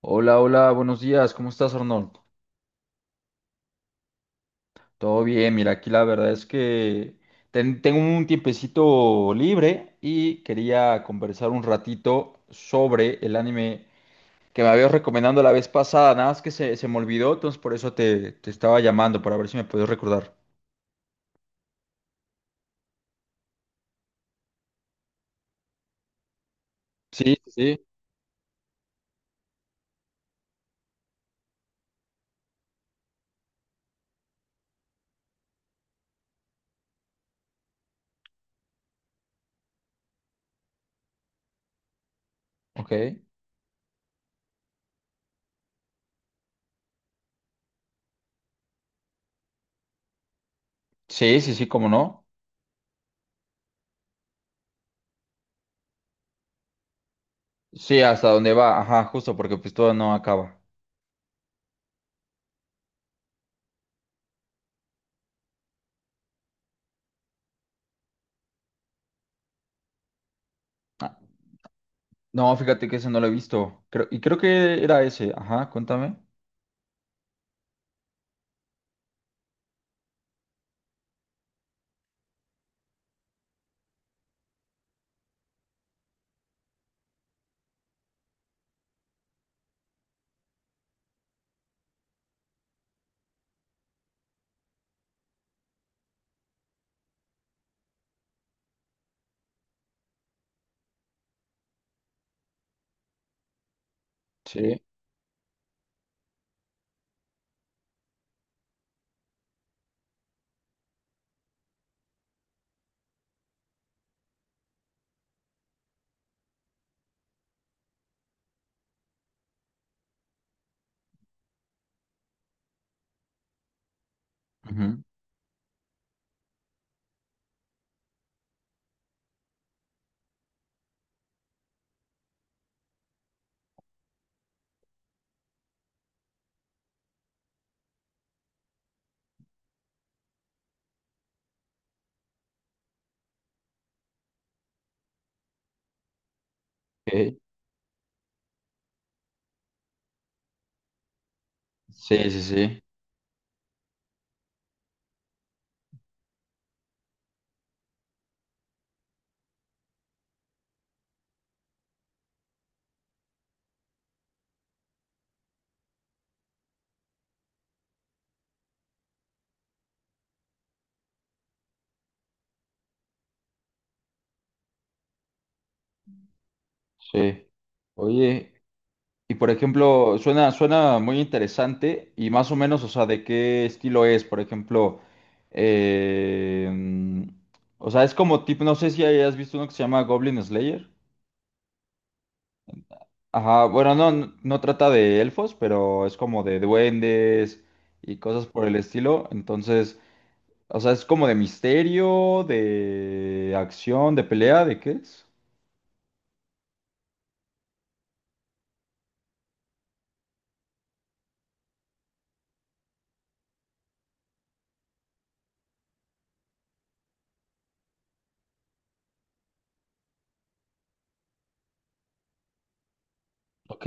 Hola, hola, buenos días, ¿cómo estás, Arnold? Todo bien, mira, aquí la verdad es que tengo un tiempecito libre y quería conversar un ratito sobre el anime que me habías recomendado la vez pasada, nada más que se me olvidó, entonces por eso te estaba llamando, para ver si me podías recordar. Sí, sí, sí. Ok. Sí, sí, sí, cómo no. Sí, hasta dónde va, ajá, justo, porque pues todo no acaba. Ah, no, fíjate que ese no lo he visto, creo, y creo que era ese, ajá, cuéntame. Sí. Ok. Sí, sí, sí, sí. Oye, y por ejemplo, suena muy interesante y más o menos, o sea, ¿de qué estilo es? Por ejemplo, eh, mm, o sea, es como tipo, no sé si hayas visto uno que se llama Goblin Slayer. Ajá, bueno, no, no trata de elfos, pero es como de duendes y cosas por el estilo. Entonces, o sea, es como de misterio, de acción, de pelea, ¿de qué es? Ok.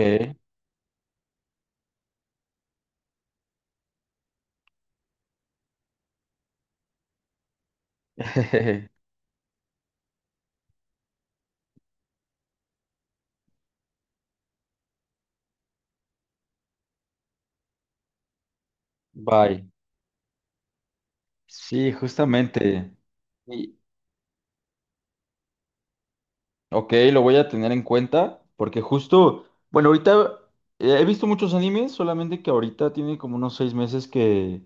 Bye. Sí, justamente. Y ok, lo voy a tener en cuenta porque justo, bueno, ahorita he visto muchos animes, solamente que ahorita tiene como unos 6 meses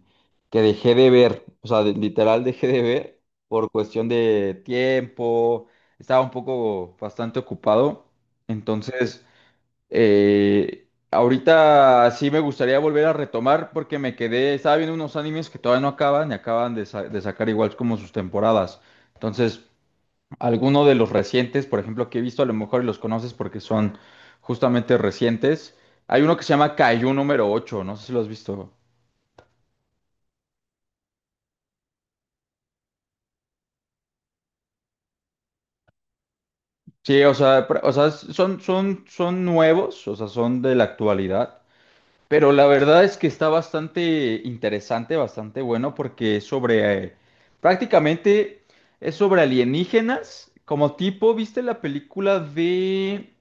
que dejé de ver, o sea, literal dejé de ver por cuestión de tiempo, estaba un poco bastante ocupado, entonces, ahorita sí me gustaría volver a retomar porque me quedé, estaba viendo unos animes que todavía no acaban y acaban de, de sacar igual como sus temporadas, entonces. Alguno de los recientes, por ejemplo, que he visto, a lo mejor los conoces porque son justamente recientes. Hay uno que se llama Kaiju número 8, no sé si lo has visto. Sí, o sea, o sea, son nuevos, o sea, son de la actualidad. Pero la verdad es que está bastante interesante, bastante bueno, porque es sobre, prácticamente es sobre alienígenas, como tipo, ¿viste la película de…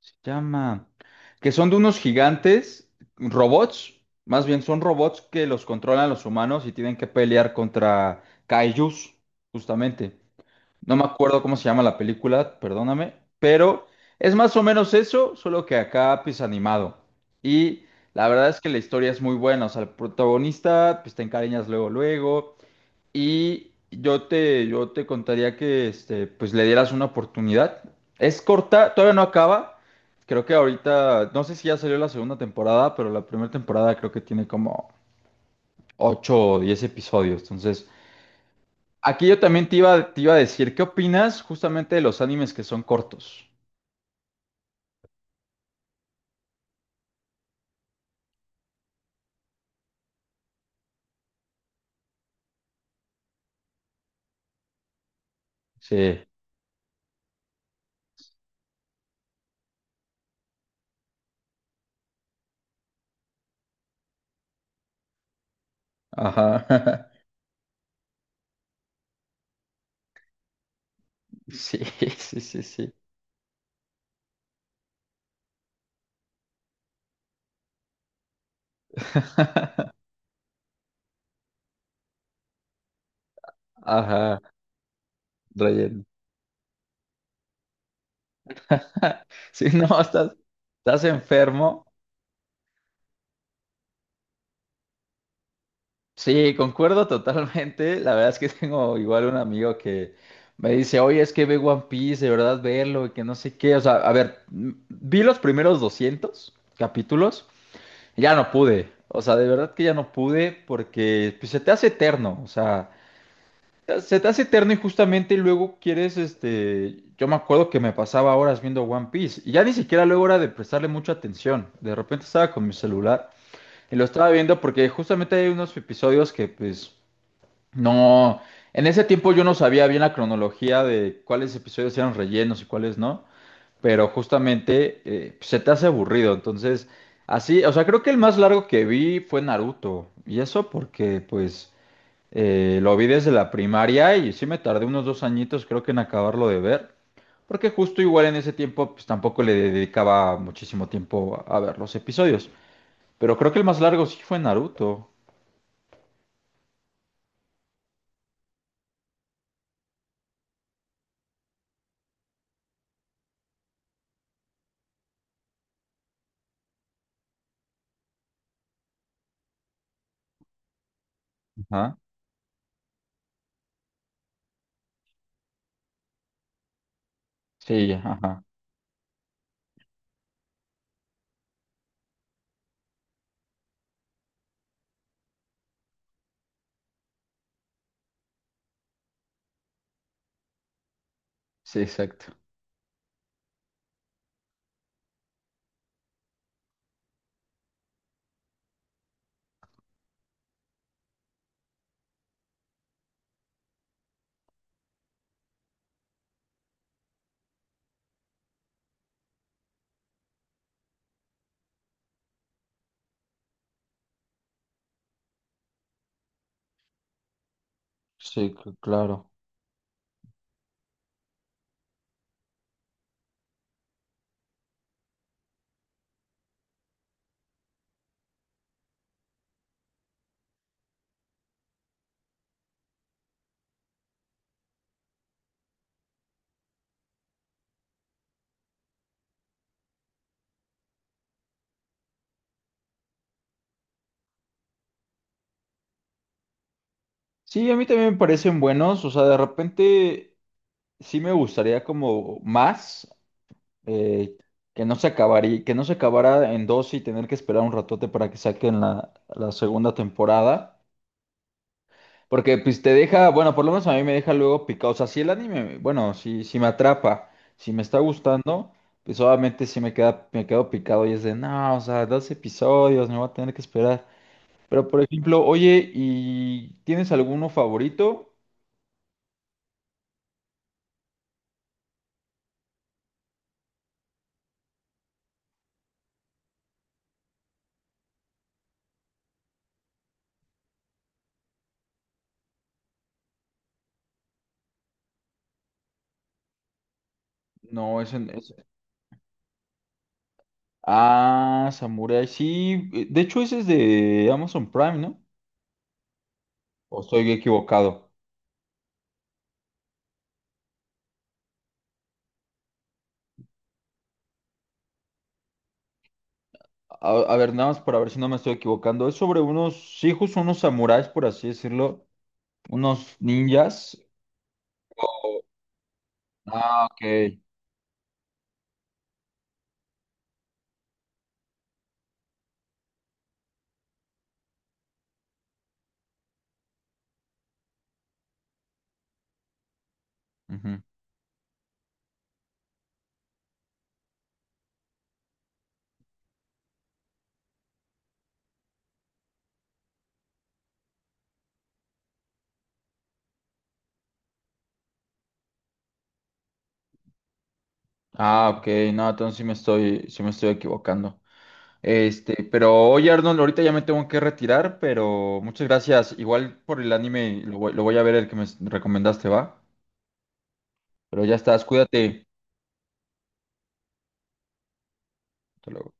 Se llama. Que son de unos gigantes, robots. Más bien son robots que los controlan los humanos y tienen que pelear contra kaijus, justamente. No me acuerdo cómo se llama la película, perdóname. Pero es más o menos eso, solo que acá pues animado. Y la verdad es que la historia es muy buena. O sea, el protagonista pues te encariñas luego, luego. Y yo te contaría que este, pues le dieras una oportunidad. Es corta, todavía no acaba. Creo que ahorita, no sé si ya salió la segunda temporada, pero la primera temporada creo que tiene como 8 o 10 episodios. Entonces, aquí yo también te iba a decir, ¿qué opinas justamente de los animes que son cortos? Sí, ajá. Sí, sí, sí, sí. Ajá, relleno. Sí, no, estás, estás enfermo. Sí, concuerdo totalmente. La verdad es que tengo igual un amigo que me dice, oye, es que ve One Piece, de verdad verlo, y que no sé qué. O sea, a ver, vi los primeros 200 capítulos, y ya no pude. O sea, de verdad que ya no pude porque pues, se te hace eterno. O sea, se te hace eterno y justamente luego quieres, este, yo me acuerdo que me pasaba horas viendo One Piece y ya ni siquiera luego era de prestarle mucha atención. De repente estaba con mi celular y lo estaba viendo porque justamente hay unos episodios que pues… No, en ese tiempo yo no sabía bien la cronología de cuáles episodios eran rellenos y cuáles no, pero justamente pues, se te hace aburrido, entonces así, o sea, creo que el más largo que vi fue Naruto, y eso porque pues lo vi desde la primaria y sí me tardé unos 2 añitos creo que en acabarlo de ver, porque justo igual en ese tiempo pues tampoco le dedicaba muchísimo tiempo a ver los episodios, pero creo que el más largo sí fue Naruto, ajá, sí, ajá, sí, exacto. Sí, claro. Sí, a mí también me parecen buenos, o sea, de repente sí me gustaría como más, eh, que no se acabaría, que no se acabara en dos y tener que esperar un ratote para que saquen la, la segunda temporada, porque pues te deja, bueno, por lo menos a mí me deja luego picado, o sea, si el anime, bueno, si, si me atrapa, si me está gustando, pues obviamente sí me queda, me quedo picado y es de, no, o sea, 2 episodios, me voy a tener que esperar. Pero, por ejemplo, oye, ¿y tienes alguno favorito? No, es en… Ah, Samurai, sí. De hecho, ese es de Amazon Prime, ¿no? ¿O estoy equivocado? A ver, nada más para ver si no me estoy equivocando. Es sobre unos hijos, unos samuráis, por así decirlo. Unos ninjas. Ah, ok. Ujú. Ah, ok. No, entonces sí me estoy equivocando. Este, pero oye, Arnold, ahorita ya me tengo que retirar, pero muchas gracias. Igual por el anime, lo voy a ver el que me recomendaste, ¿va? Pero ya estás, cuídate. Hasta luego.